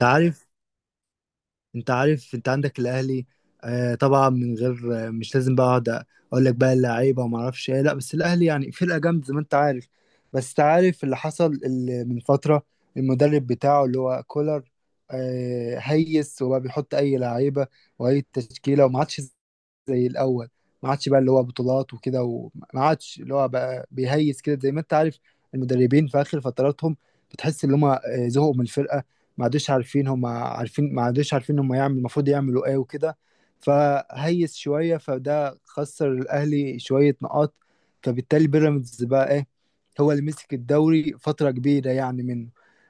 انت عارف انت عارف انت عندك الاهلي. آه طبعا، من غير آه، مش لازم بقى اقعد اقول لك بقى اللعيبه وما اعرفش ايه. لا بس الاهلي يعني فرقه جامده زي ما انت عارف. بس انت عارف اللي حصل اللي من فتره، المدرب بتاعه اللي هو كولر آه هيس، وبقى بيحط اي لعيبه واي تشكيله، وما عادش زي الاول. ما عادش بقى اللي هو بطولات وكده، وما عادش اللي هو بقى بيهيس كده. زي ما انت عارف، المدربين في اخر فتراتهم بتحس ان هم زهقوا من الفرقه، ما عادوش عارفين هم يعمل المفروض يعملوا ايه وكده. فهيس شوية، فده خسر الأهلي شوية نقاط. فبالتالي بيراميدز بقى ايه، هو اللي مسك الدوري فترة كبيرة يعني منه.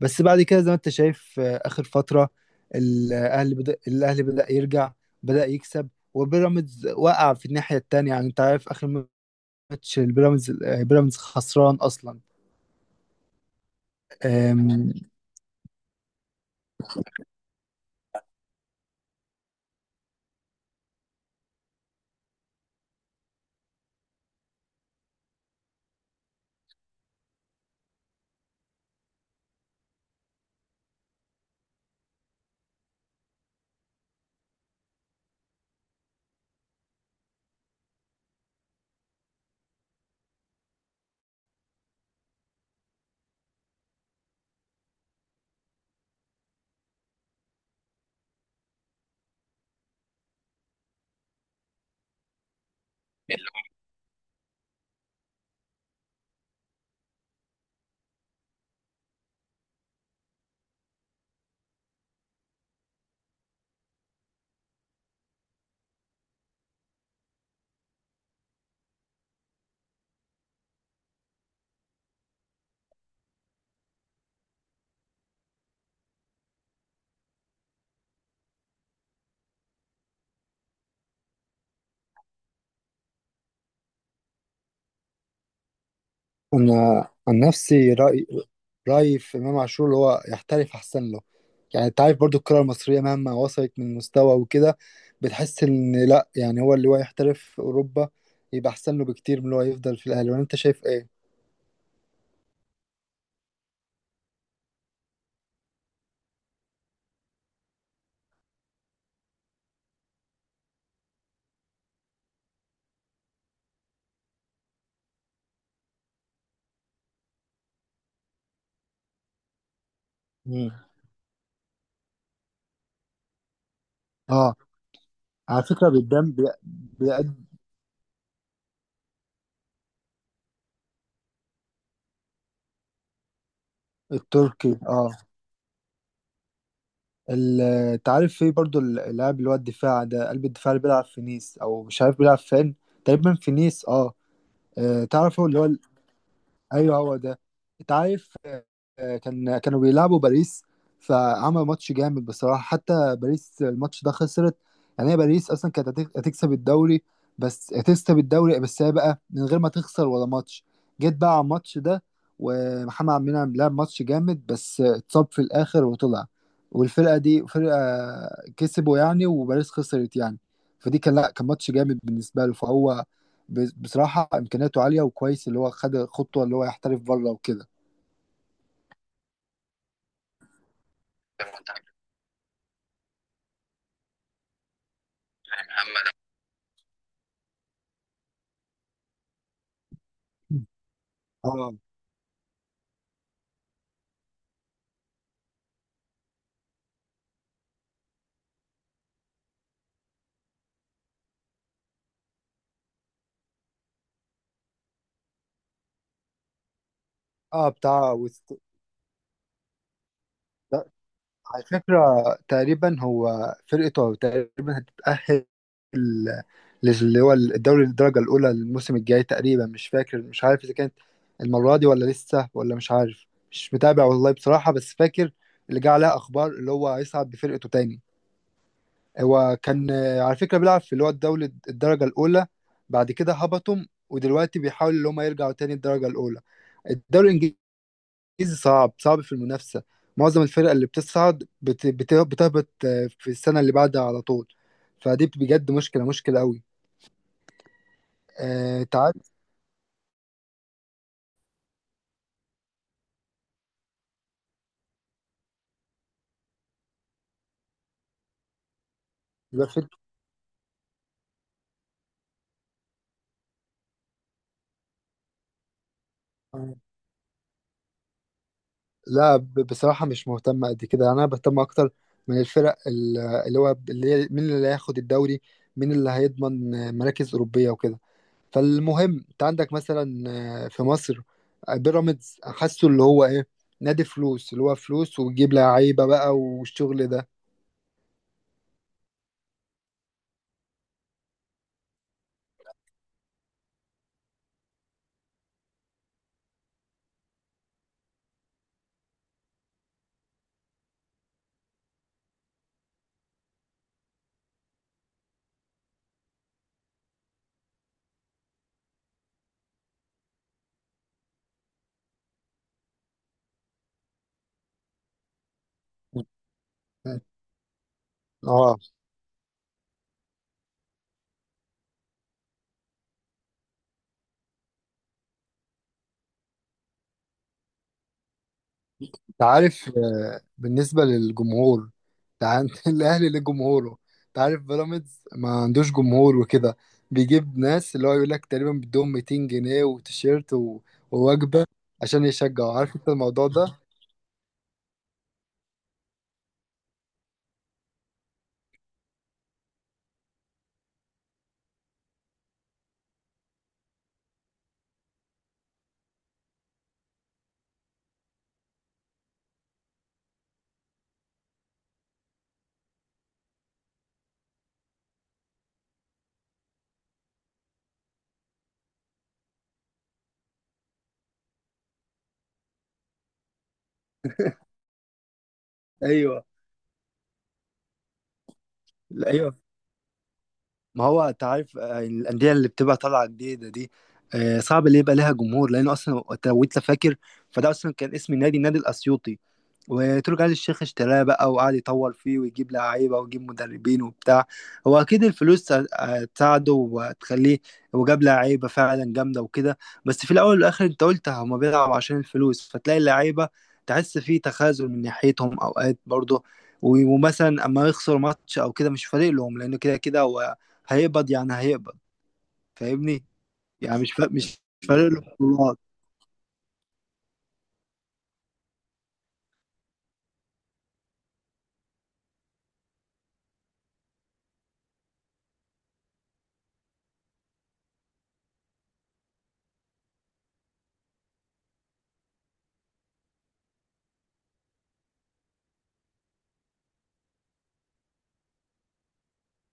بس بعد كده زي ما انت شايف، آخر فترة الأهلي بدأ يرجع، بدأ يكسب، وبيراميدز وقع في الناحية التانية. يعني انت عارف آخر ماتش البيراميدز، بيراميدز خسران أصلا. آم، أنا عن نفسي رأيي في إمام عاشور اللي هو يحترف أحسن له. يعني أنت عارف برضو الكرة المصرية مهما وصلت من مستوى وكده، بتحس إن لأ، يعني هو اللي هو يحترف في أوروبا يبقى أحسن له بكتير من اللي هو يفضل في الأهلي. وأنت شايف إيه؟ مم. اه، على فكرة بيدام بيقد التركي، اه. ال- انت عارف في برضو اللاعب اللي هو الدفاع ده، قلب الدفاع اللي بيلعب في نيس او مش عارف بيلعب فين، تقريبا في نيس، اه. تعرف هو اللي هو، ايوه هو ده. انت عارف، كانوا بيلعبوا باريس، فعمل ماتش جامد بصراحه. حتى باريس الماتش ده خسرت. يعني هي باريس اصلا كانت هتكسب الدوري، بس هتكسب الدوري بس هي بقى من غير ما تخسر ولا ماتش. جيت بقى على الماتش ده ومحمد عبد المنعم لعب ماتش جامد، بس اتصاب في الاخر وطلع، والفرقه دي فرقه كسبوا يعني وباريس خسرت يعني. فدي كان لا، كان ماتش جامد بالنسبه له. فهو بصراحة إمكانياته عالية، وكويس اللي هو خد خطوة اللي هو يحترف بره وكده. اه، اه، بتاع وست... لا، على فكرة تقريبا هو فرقته تقريبا هتتأهل اللي هو الدوري الدرجة الأولى الموسم الجاي، تقريبا مش فاكر، مش عارف إذا كانت المرة دي ولا لسه، ولا مش عارف مش متابع والله بصراحة. بس فاكر اللي جه عليها أخبار اللي هو هيصعد بفرقته تاني. هو كان، على فكرة بيلعب في اللي هو الدولة الدرجة الأولى، بعد كده هبطهم، ودلوقتي بيحاولوا اللي هم يرجعوا تاني الدرجة الأولى. الدوري الإنجليزي صعب، صعب في المنافسة. معظم الفرق اللي بتصعد بتهبط، في السنة اللي بعدها على طول. فدي بجد مشكلة، مشكلة قوي. أنت عارف يبقى آه، لا، بصراحة مش مهتم قد كده. أنا بهتم أكتر من اللي هو اللي هي مين اللي هياخد الدوري، مين اللي هيضمن، مراكز أوروبية وكده. فالمهم انت عندك مثلا، في مصر، بيراميدز حاسه اللي هو ايه، نادي فلوس، اللي هو فلوس وتجيب لعيبه بقى والشغل ده. اه، انت عارف بالنسبه للجمهور. انت عن- الاهلي ليه جمهوره، انت عارف بيراميدز ما عندوش جمهور وكده. بيجيب ناس اللي هو يقول لك تقريبا بدهم 200 جنيه وتيشيرت ووجبه عشان يشجعوا. عارف انت الموضوع ده؟ ايوه. لا، ايوه. ما هو انت عارف الانديه اللي بتبقى طالعه جديده دي، صعب اللي يبقى لها جمهور، لانه اصلا لو انت فاكر فده اصلا كان اسم النادي النادي الاسيوطي، وتركي آل الشيخ اشتراه بقى وقعد يطور فيه ويجيب لعيبة ويجيب مدربين وبتاع. هو أكيد الفلوس هتساعده وهتخليه، وجاب لعيبة فعلا جامدة وكده. بس في الأول والآخر أنت قلت هما بيلعبوا عشان الفلوس، فتلاقي اللعيبة تحس فيه تخاذل من ناحيتهم أوقات برضه. ومثلا أما يخسر ماتش أو كده مش فارق لهم، لأنه كده كده هو هيقبض، يعني هيقبض. فاهمني؟ يعني مش فارق له البطولات.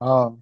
اه.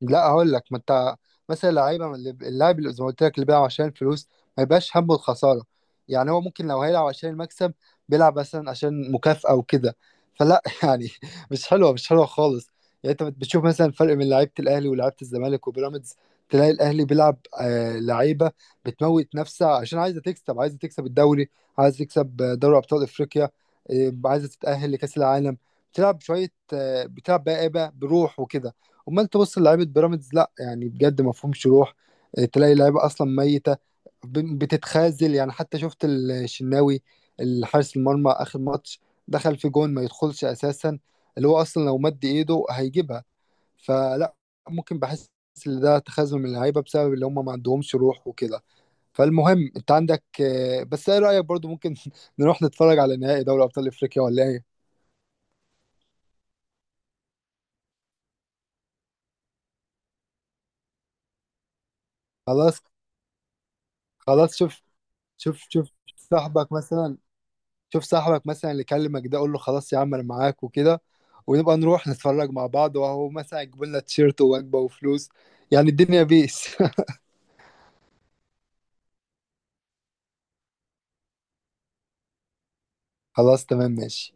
لا، هقول لك، ما انت مثلا لعيبه من اللاعب اللي زي ما قلت لك اللي بيلعب عشان الفلوس ما يبقاش همه الخساره. يعني هو ممكن لو هيلعب عشان المكسب، بيلعب مثلا عشان مكافاه وكده. فلا يعني مش حلوه، مش حلوه خالص. يعني انت بتشوف مثلا الفرق بين لعيبه الاهلي ولعيبه الزمالك وبيراميدز. تلاقي الاهلي بيلعب آه لعيبه بتموت نفسها عشان عايزه تكسب، عايزه تكسب الدوري، عايزه تكسب دوري ابطال افريقيا، عايزه تتاهل لكاس العالم. بتلعب شويه بتلعب بقى ايه بقى بروح وكده. امال تبص لعيبه بيراميدز، لا يعني بجد ما فيهمش روح. تلاقي لعيبه اصلا ميته، بتتخاذل يعني. حتى شفت الشناوي الحارس المرمى اخر ماتش دخل في جون ما يدخلش اساسا، اللي هو اصلا لو مد ايده هيجيبها. فلا، ممكن بحس ان ده تخاذل من اللعيبه بسبب اللي هم ما عندهمش روح وكده. فالمهم انت عندك بس ايه رايك برضو ممكن نروح نتفرج على نهائي دوري ابطال افريقيا ولا ايه؟ خلاص، خلاص. شوف صاحبك مثلا، شوف صاحبك مثلا اللي كلمك ده، قول له خلاص يا عم انا معاك وكده، ونبقى نروح نتفرج مع بعض، وهو مثلا يجيب لنا تيشيرت ووجبه وفلوس. يعني الدنيا بيس. خلاص تمام ماشي.